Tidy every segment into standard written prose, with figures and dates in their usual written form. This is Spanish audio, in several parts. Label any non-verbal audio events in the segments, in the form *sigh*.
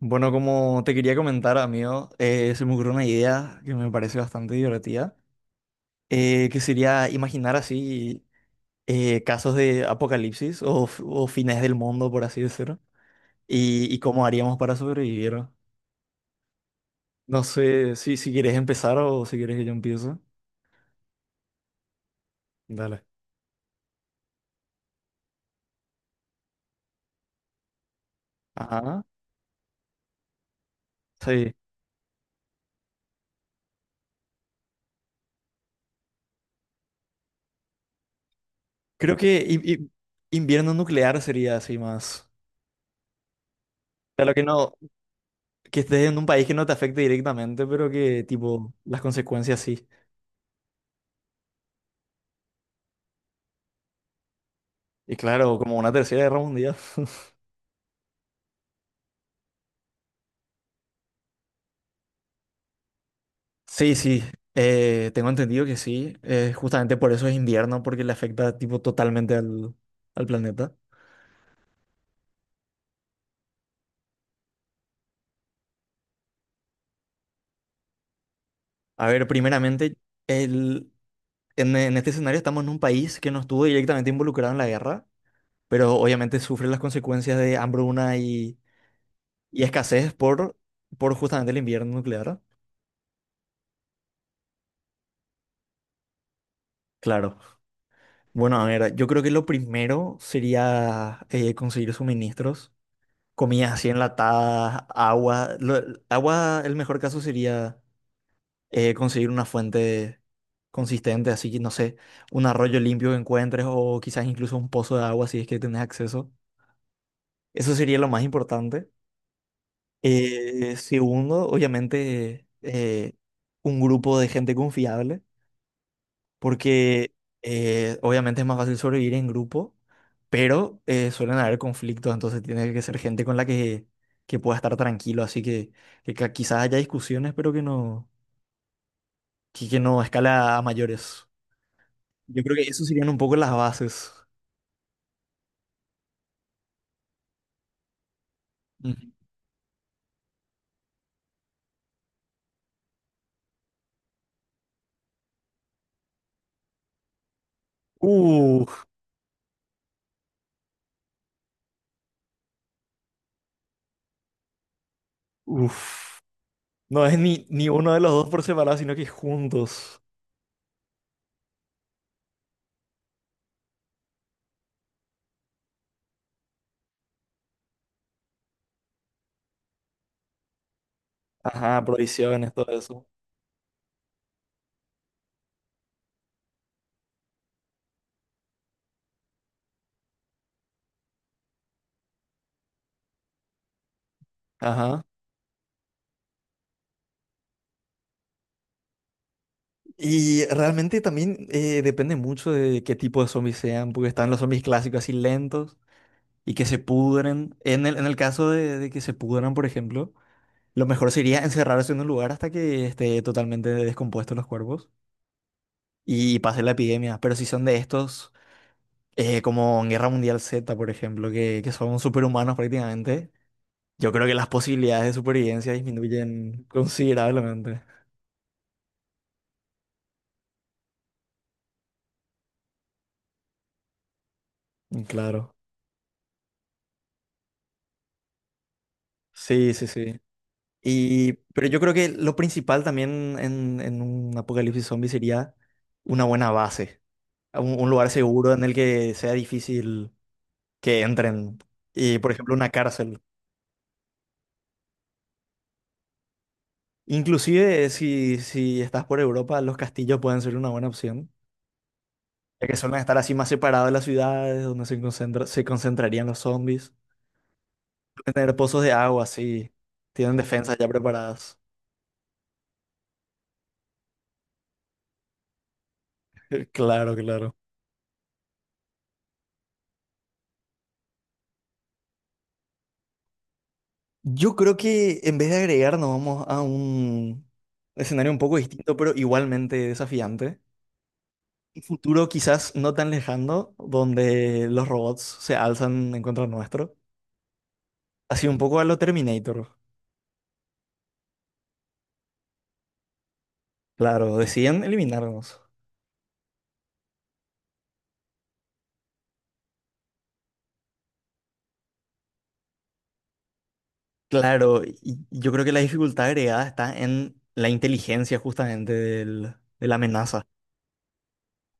Bueno, como te quería comentar, amigo, se me ocurrió una idea que me parece bastante divertida, que sería imaginar así casos de apocalipsis o, o fines del mundo, por así decirlo, y cómo haríamos para sobrevivir. No sé si quieres empezar o si quieres que yo empiece. Dale. Ajá, sí. Creo que invierno nuclear sería así más. Claro que no, que estés en un país que no te afecte directamente, pero que tipo las consecuencias sí. Y claro, como una tercera guerra mundial. *laughs* Sí, sí, tengo entendido que sí. Justamente por eso es invierno, porque le afecta tipo totalmente al planeta. A ver, primeramente, el, en este escenario estamos en un país que no estuvo directamente involucrado en la guerra, pero obviamente sufre las consecuencias de hambruna y escasez por justamente el invierno nuclear. Claro. Bueno, a ver, yo creo que lo primero sería conseguir suministros. Comidas así enlatadas, agua. El agua, el mejor caso sería conseguir una fuente consistente, así que no sé, un arroyo limpio que encuentres o quizás incluso un pozo de agua si es que tenés acceso. Eso sería lo más importante. Segundo, obviamente, un grupo de gente confiable, porque obviamente es más fácil sobrevivir en grupo, pero suelen haber conflictos, entonces tiene que ser gente con la que pueda estar tranquilo, así que, quizás haya discusiones, pero que no, que no escala a mayores. Yo creo que eso serían un poco las bases. Ujú. Uh, Uf. No es ni uno de los dos por separado, sino que juntos. Ajá, prohibiciones, todo eso. Ajá. Y realmente también depende mucho de qué tipo de zombies sean, porque están los zombies clásicos así lentos y que se pudren. En el caso de que se pudran, por ejemplo, lo mejor sería encerrarse en un lugar hasta que esté totalmente descompuesto los cuerpos y pase la epidemia. Pero si son de estos, como en Guerra Mundial Z, por ejemplo, que son superhumanos prácticamente, yo creo que las posibilidades de supervivencia disminuyen considerablemente. Claro. Sí, sí, sí. Y, pero yo creo que lo principal también en un apocalipsis zombie sería una buena base, un lugar seguro en el que sea difícil que entren. Y, por ejemplo, una cárcel. Inclusive si estás por Europa, los castillos pueden ser una buena opción, ya que suelen estar así más separados de las ciudades, donde se concentrarían los zombies. Pueden tener pozos de agua, así. Tienen defensas ya preparadas. *laughs* Claro, claro. Yo creo que en vez de agregar, nos vamos a un escenario un poco distinto, pero igualmente desafiante. Un futuro quizás no tan lejano, donde los robots se alzan en contra nuestro. Así un poco a lo Terminator. Claro, deciden eliminarnos. Claro, y yo creo que la dificultad agregada está en la inteligencia justamente de la amenaza.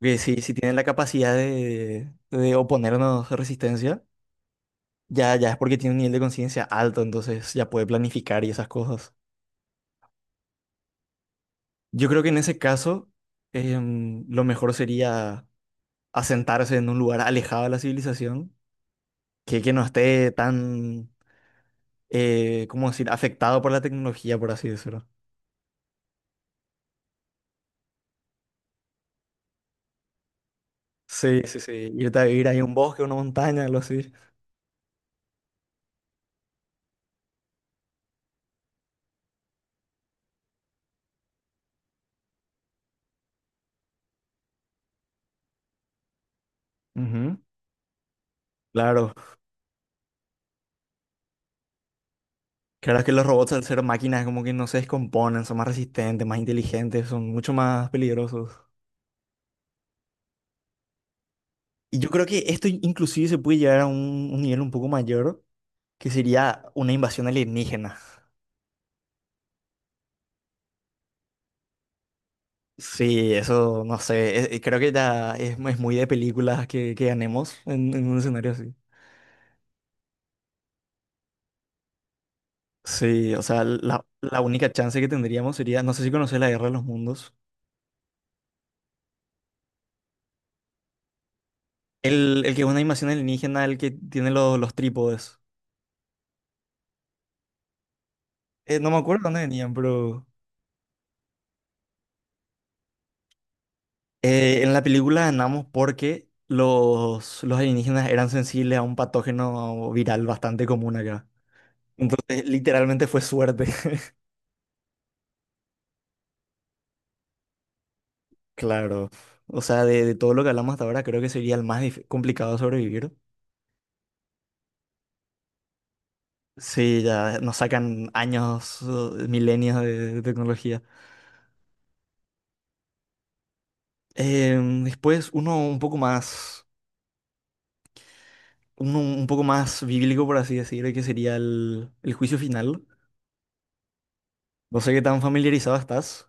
Que si tienen la capacidad de oponernos resistencia, ya es porque tiene un nivel de conciencia alto, entonces ya puede planificar y esas cosas. Yo creo que en ese caso, lo mejor sería asentarse en un lugar alejado de la civilización, que no esté tan, ¿cómo decir?, afectado por la tecnología, por así decirlo. Sí, sí, sí. Irte a vivir ahí a un bosque, una montaña, algo así. Ujú. Claro, claro es que los robots al ser máquinas como que no se descomponen, son más resistentes, más inteligentes, son mucho más peligrosos. Y yo creo que esto inclusive se puede llevar a un nivel un poco mayor, que sería una invasión alienígena. Sí, eso no sé, creo que ya es muy de películas que ganemos en un escenario así. Sí, o sea, la única chance que tendríamos sería, no sé si conoces la Guerra de los Mundos, el que es una invasión alienígena, el que tiene los trípodes. No me acuerdo dónde venían, pero en la película ganamos porque los alienígenas eran sensibles a un patógeno viral bastante común acá. Entonces, literalmente fue suerte, *laughs* claro. O sea, de todo lo que hablamos hasta ahora, creo que sería el más complicado de sobrevivir. Sí, ya nos sacan años, milenios de tecnología. Después, uno un poco más bíblico, por así decir, que sería el juicio final. No sé qué tan familiarizado estás.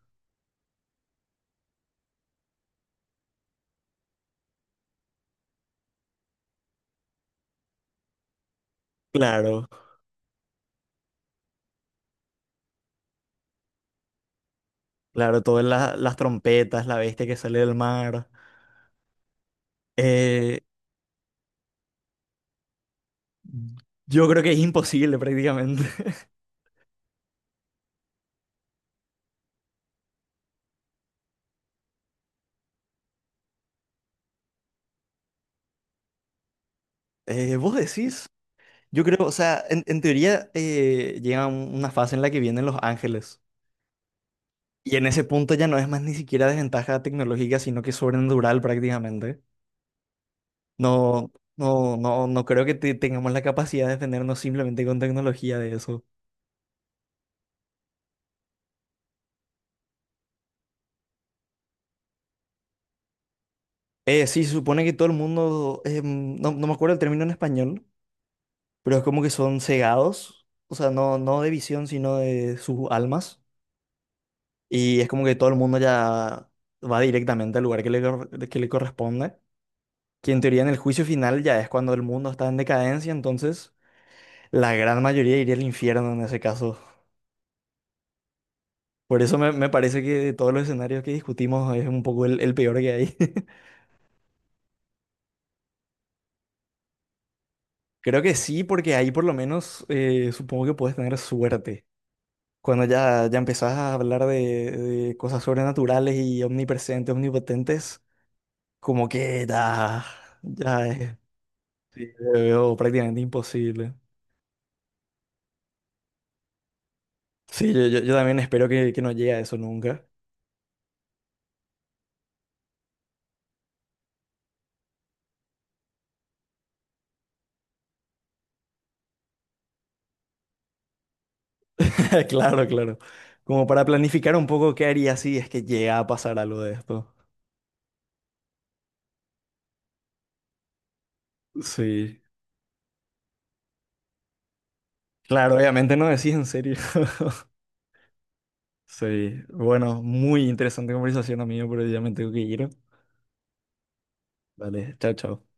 Claro, claro, todas las trompetas, la bestia que sale del mar. Eh, yo creo que es imposible prácticamente. *laughs* ¿Vos decís? Yo creo, o sea, en teoría llega una fase en la que vienen los ángeles. Y en ese punto ya no es más ni siquiera desventaja tecnológica, sino que es sobrenatural prácticamente. No, no, no, no creo que tengamos la capacidad de defendernos simplemente con tecnología de eso. Sí, se supone que todo el mundo, no, no me acuerdo el término en español, pero es como que son cegados, o sea, no, no de visión, sino de sus almas. Y es como que todo el mundo ya va directamente al lugar que le corresponde. Que en teoría en el juicio final ya es cuando el mundo está en decadencia, entonces la gran mayoría iría al infierno en ese caso. Por eso me parece que de todos los escenarios que discutimos es un poco el peor que hay. *laughs* Creo que sí, porque ahí por lo menos supongo que puedes tener suerte. Cuando ya empezás a hablar de cosas sobrenaturales y omnipresentes, omnipotentes, como que ya es, sí, lo veo prácticamente imposible. Sí, yo también espero que no llegue a eso nunca. *laughs* Claro, claro. Como para planificar un poco qué haría si es que llega a pasar algo de esto. Sí. Claro, obviamente no decís en serio. *laughs* Sí. Bueno, muy interesante conversación, amigo, pero ya me tengo que ir. Vale, chao, chao.